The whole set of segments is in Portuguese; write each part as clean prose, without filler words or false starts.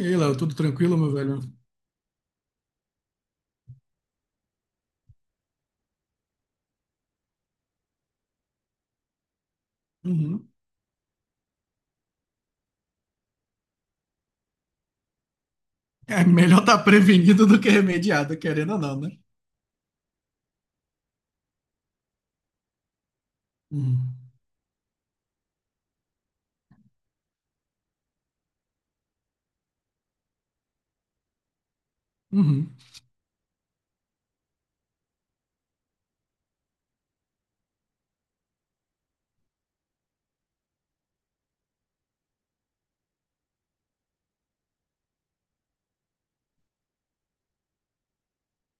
E aí, Léo, tudo tranquilo, meu velho? Uhum. É melhor estar prevenido do que remediado, querendo ou não, né? Uhum. Uhum.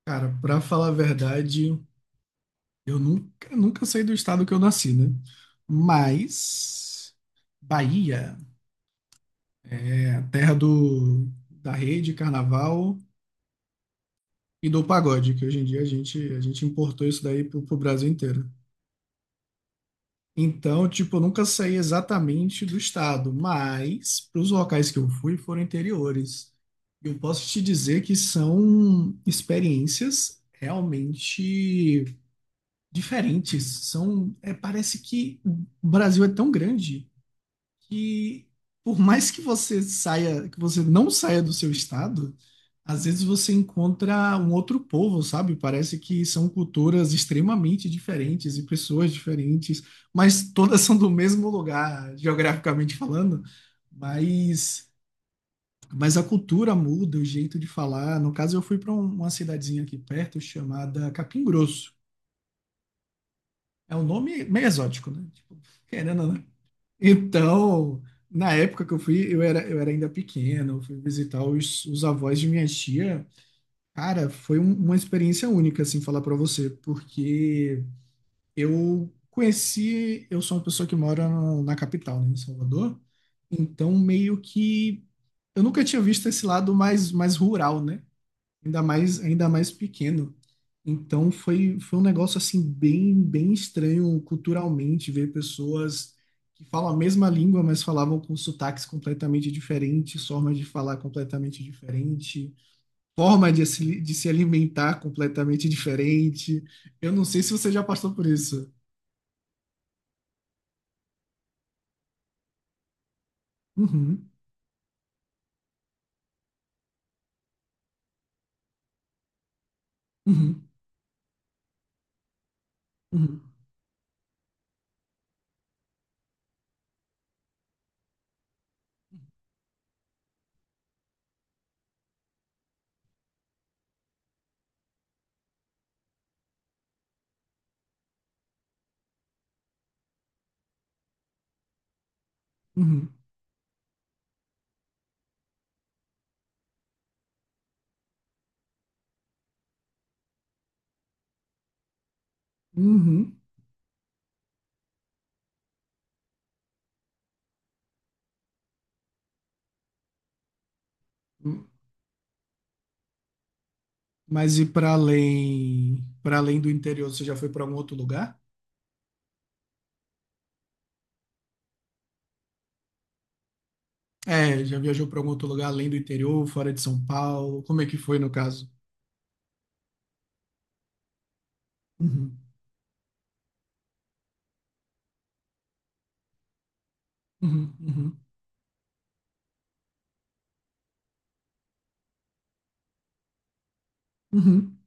Cara, pra falar a verdade, eu nunca, nunca saí do estado que eu nasci, né? Mas Bahia é a terra da rede, carnaval e do pagode, que hoje em dia a gente importou isso daí pro Brasil inteiro. Então, tipo, eu nunca saí exatamente do estado, mas para os locais que eu fui foram interiores. Eu posso te dizer que são experiências realmente diferentes. São, parece que o Brasil é tão grande que por mais que você saia, que você não saia do seu estado, às vezes você encontra um outro povo, sabe? Parece que são culturas extremamente diferentes e pessoas diferentes, mas todas são do mesmo lugar, geograficamente falando, mas mas a cultura muda, o jeito de falar. No caso, eu fui para uma cidadezinha aqui perto chamada Capim Grosso. É um nome meio exótico, né? Tipo, querendo, ou não. Então, na época que eu fui, eu era ainda pequeno, eu fui visitar os avós de minha tia. Cara, foi uma experiência única, assim, falar pra você, porque eu sou uma pessoa que mora na capital, né, em Salvador, então meio que eu nunca tinha visto esse lado mais rural, né? Ainda mais, ainda mais pequeno. Então foi um negócio assim bem, bem estranho culturalmente ver pessoas que falam a mesma língua, mas falavam com sotaques completamente diferentes, formas de falar completamente diferente, forma de se alimentar completamente diferente. Eu não sei se você já passou por isso. Uhum, uhum, uhum, uhum, uhum. Mas e para além do interior, você já foi para algum outro lugar? É, já viajou para algum outro lugar além do interior, fora de São Paulo? Como é que foi no caso? Uhum, uhum, uhum, uhum.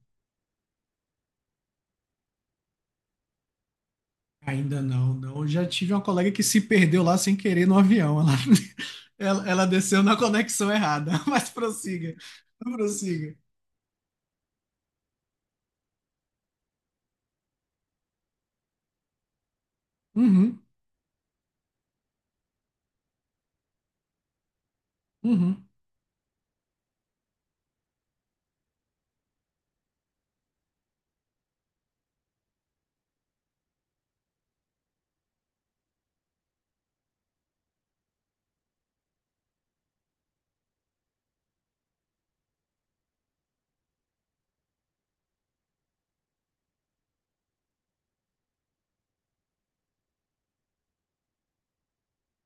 Ainda não, não. Eu já tive uma colega que se perdeu lá sem querer no avião. Ela, ela desceu na conexão errada. Mas prossiga, prossiga. Uhum, uhum.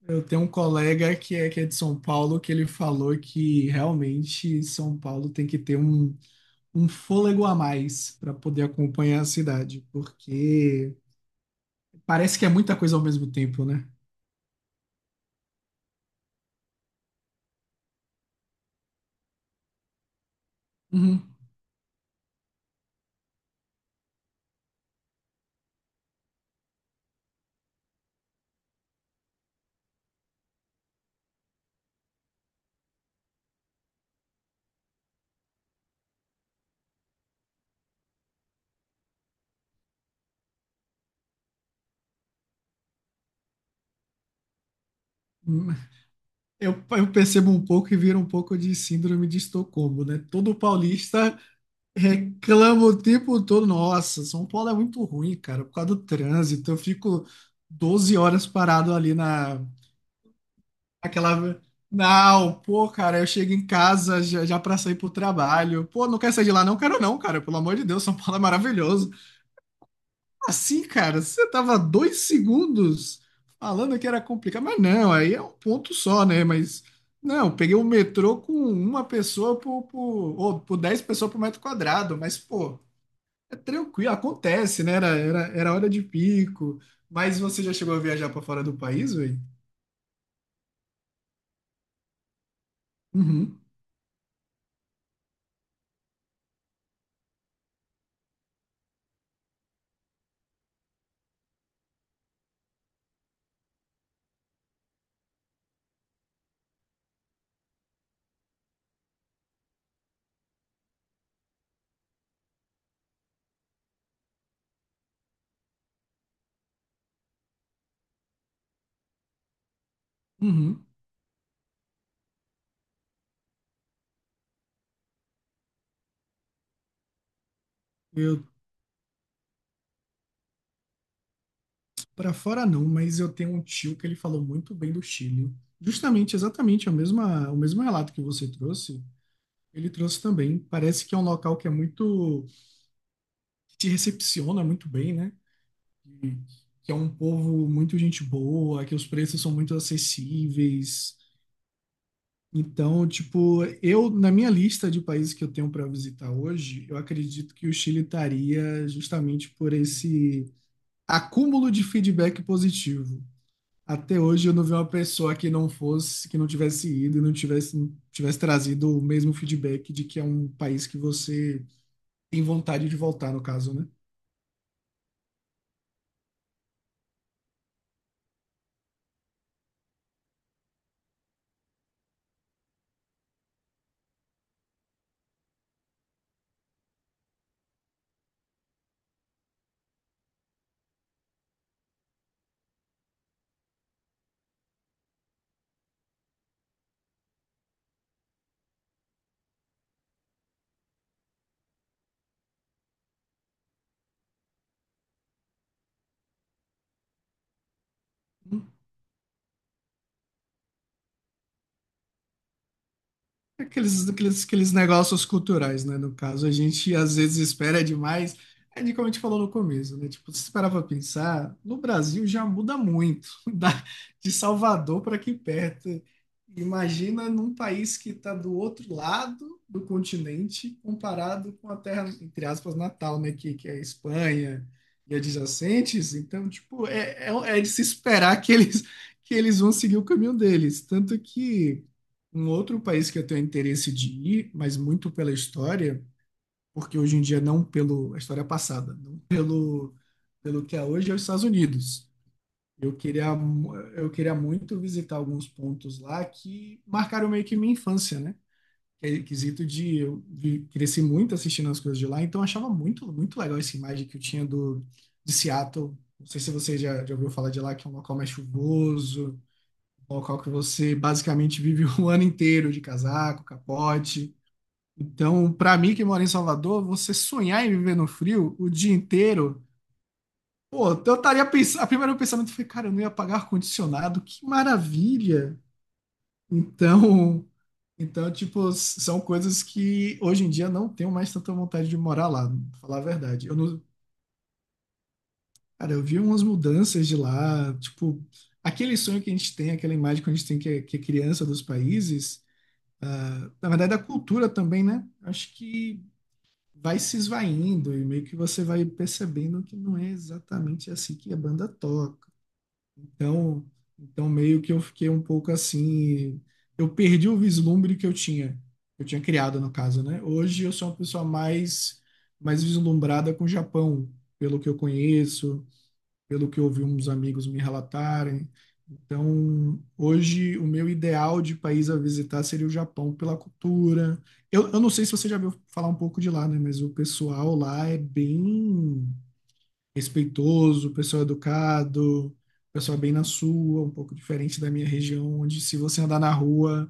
Eu tenho um colega que é de São Paulo que ele falou que realmente São Paulo tem que ter um fôlego a mais para poder acompanhar a cidade, porque parece que é muita coisa ao mesmo tempo, né? Uhum. Eu percebo um pouco e vira um pouco de síndrome de Estocolmo, né? Todo paulista reclama o tempo todo. Nossa, São Paulo é muito ruim, cara, por causa do trânsito. Eu fico 12 horas parado ali na, aquela. Não, pô, cara, eu chego em casa já, já para sair pro trabalho. Pô, não quero sair de lá, não quero não, cara. Pelo amor de Deus, São Paulo é maravilhoso. Assim, cara, você tava 2 segundos falando que era complicado, mas não, aí é um ponto só, né? Mas não, peguei o metrô com uma pessoa ou por 10 pessoas por metro quadrado, mas pô, é tranquilo, acontece, né? Era hora de pico. Mas você já chegou a viajar pra fora do país, velho? Uhum, uhum. Eu para fora não, mas eu tenho um tio que ele falou muito bem do Chile. Justamente, exatamente é o mesmo relato que você trouxe. Ele trouxe também. Parece que é um local que é muito, que te recepciona muito bem, né? E que é um povo muito gente boa, que os preços são muito acessíveis. Então, tipo, eu, na minha lista de países que eu tenho para visitar hoje, eu acredito que o Chile estaria justamente por esse acúmulo de feedback positivo. Até hoje eu não vi uma pessoa que não fosse, que não tivesse ido e não tivesse, tivesse trazido o mesmo feedback de que é um país que você tem vontade de voltar, no caso, né? Aqueles negócios culturais, né? No caso, a gente às vezes espera demais, é de como a gente falou no começo, né? Tipo, se parar pra pensar, no Brasil já muda muito, da, de Salvador para aqui perto. Imagina num país que está do outro lado do continente, comparado com a terra, entre aspas, natal, né? Que é a Espanha e adjacentes. Então, tipo, é de se esperar que eles vão seguir o caminho deles. Tanto que. Um outro país que eu tenho interesse de ir, mas muito pela história, porque hoje em dia não pelo a história é passada, não pelo, pelo que é hoje, é os Estados Unidos. Eu queria muito visitar alguns pontos lá que marcaram meio que minha infância, né? Que é quesito de cresci muito assistindo as coisas de lá, então eu achava muito, muito legal essa imagem que eu tinha do de Seattle. Não sei se você já ouviu falar de lá, que é um local mais chuvoso, um local que você basicamente vive o ano inteiro de casaco, capote. Então, pra mim que mora em Salvador, você sonhar em viver no frio o dia inteiro, pô, então eu estaria pensando, a primeiro pensamento foi, cara, eu não ia pagar ar-condicionado, que maravilha. Então, então tipo, são coisas que hoje em dia não tenho mais tanta vontade de morar lá, pra falar a verdade. Eu não, cara, eu vi umas mudanças de lá, tipo, aquele sonho que a gente tem, aquela imagem que a gente tem que é criança dos países, ah, na verdade da cultura também, né? Acho que vai se esvaindo e meio que você vai percebendo que não é exatamente assim que a banda toca. Então, então, meio que eu fiquei um pouco assim, eu perdi o vislumbre que eu tinha criado no caso, né? Hoje eu sou uma pessoa mais vislumbrada com o Japão, pelo que eu conheço, pelo que eu ouvi uns amigos me relatarem. Então, hoje, o meu ideal de país a visitar seria o Japão pela cultura. Eu não sei se você já viu falar um pouco de lá, né? Mas o pessoal lá é bem respeitoso, pessoal educado, pessoal bem na sua, um pouco diferente da minha região, onde se você andar na rua,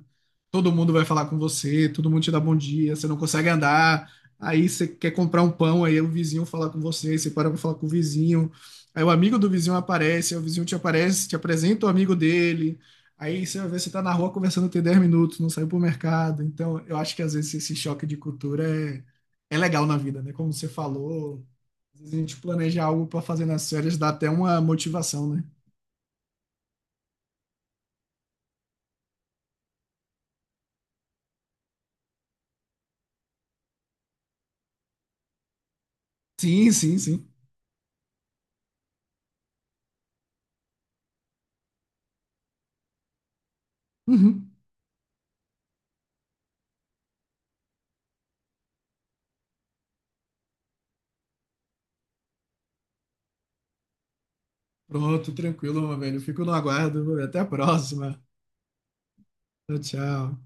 todo mundo vai falar com você, todo mundo te dá bom dia, você não consegue andar, aí você quer comprar um pão, aí o vizinho fala com você, aí você para para falar com o vizinho, aí o amigo do vizinho aparece, aí o vizinho te aparece, te apresenta o amigo dele. Aí você vai ver, você tá na rua conversando tem 10 minutos, não saiu pro mercado. Então, eu acho que às vezes esse choque de cultura é legal na vida, né? Como você falou, às vezes a gente planejar algo para fazer nas férias dá até uma motivação, né? Sim, sim, sim. Uhum. Pronto, tranquilo, meu velho. Fico no aguardo. Até a próxima. Tchau, tchau.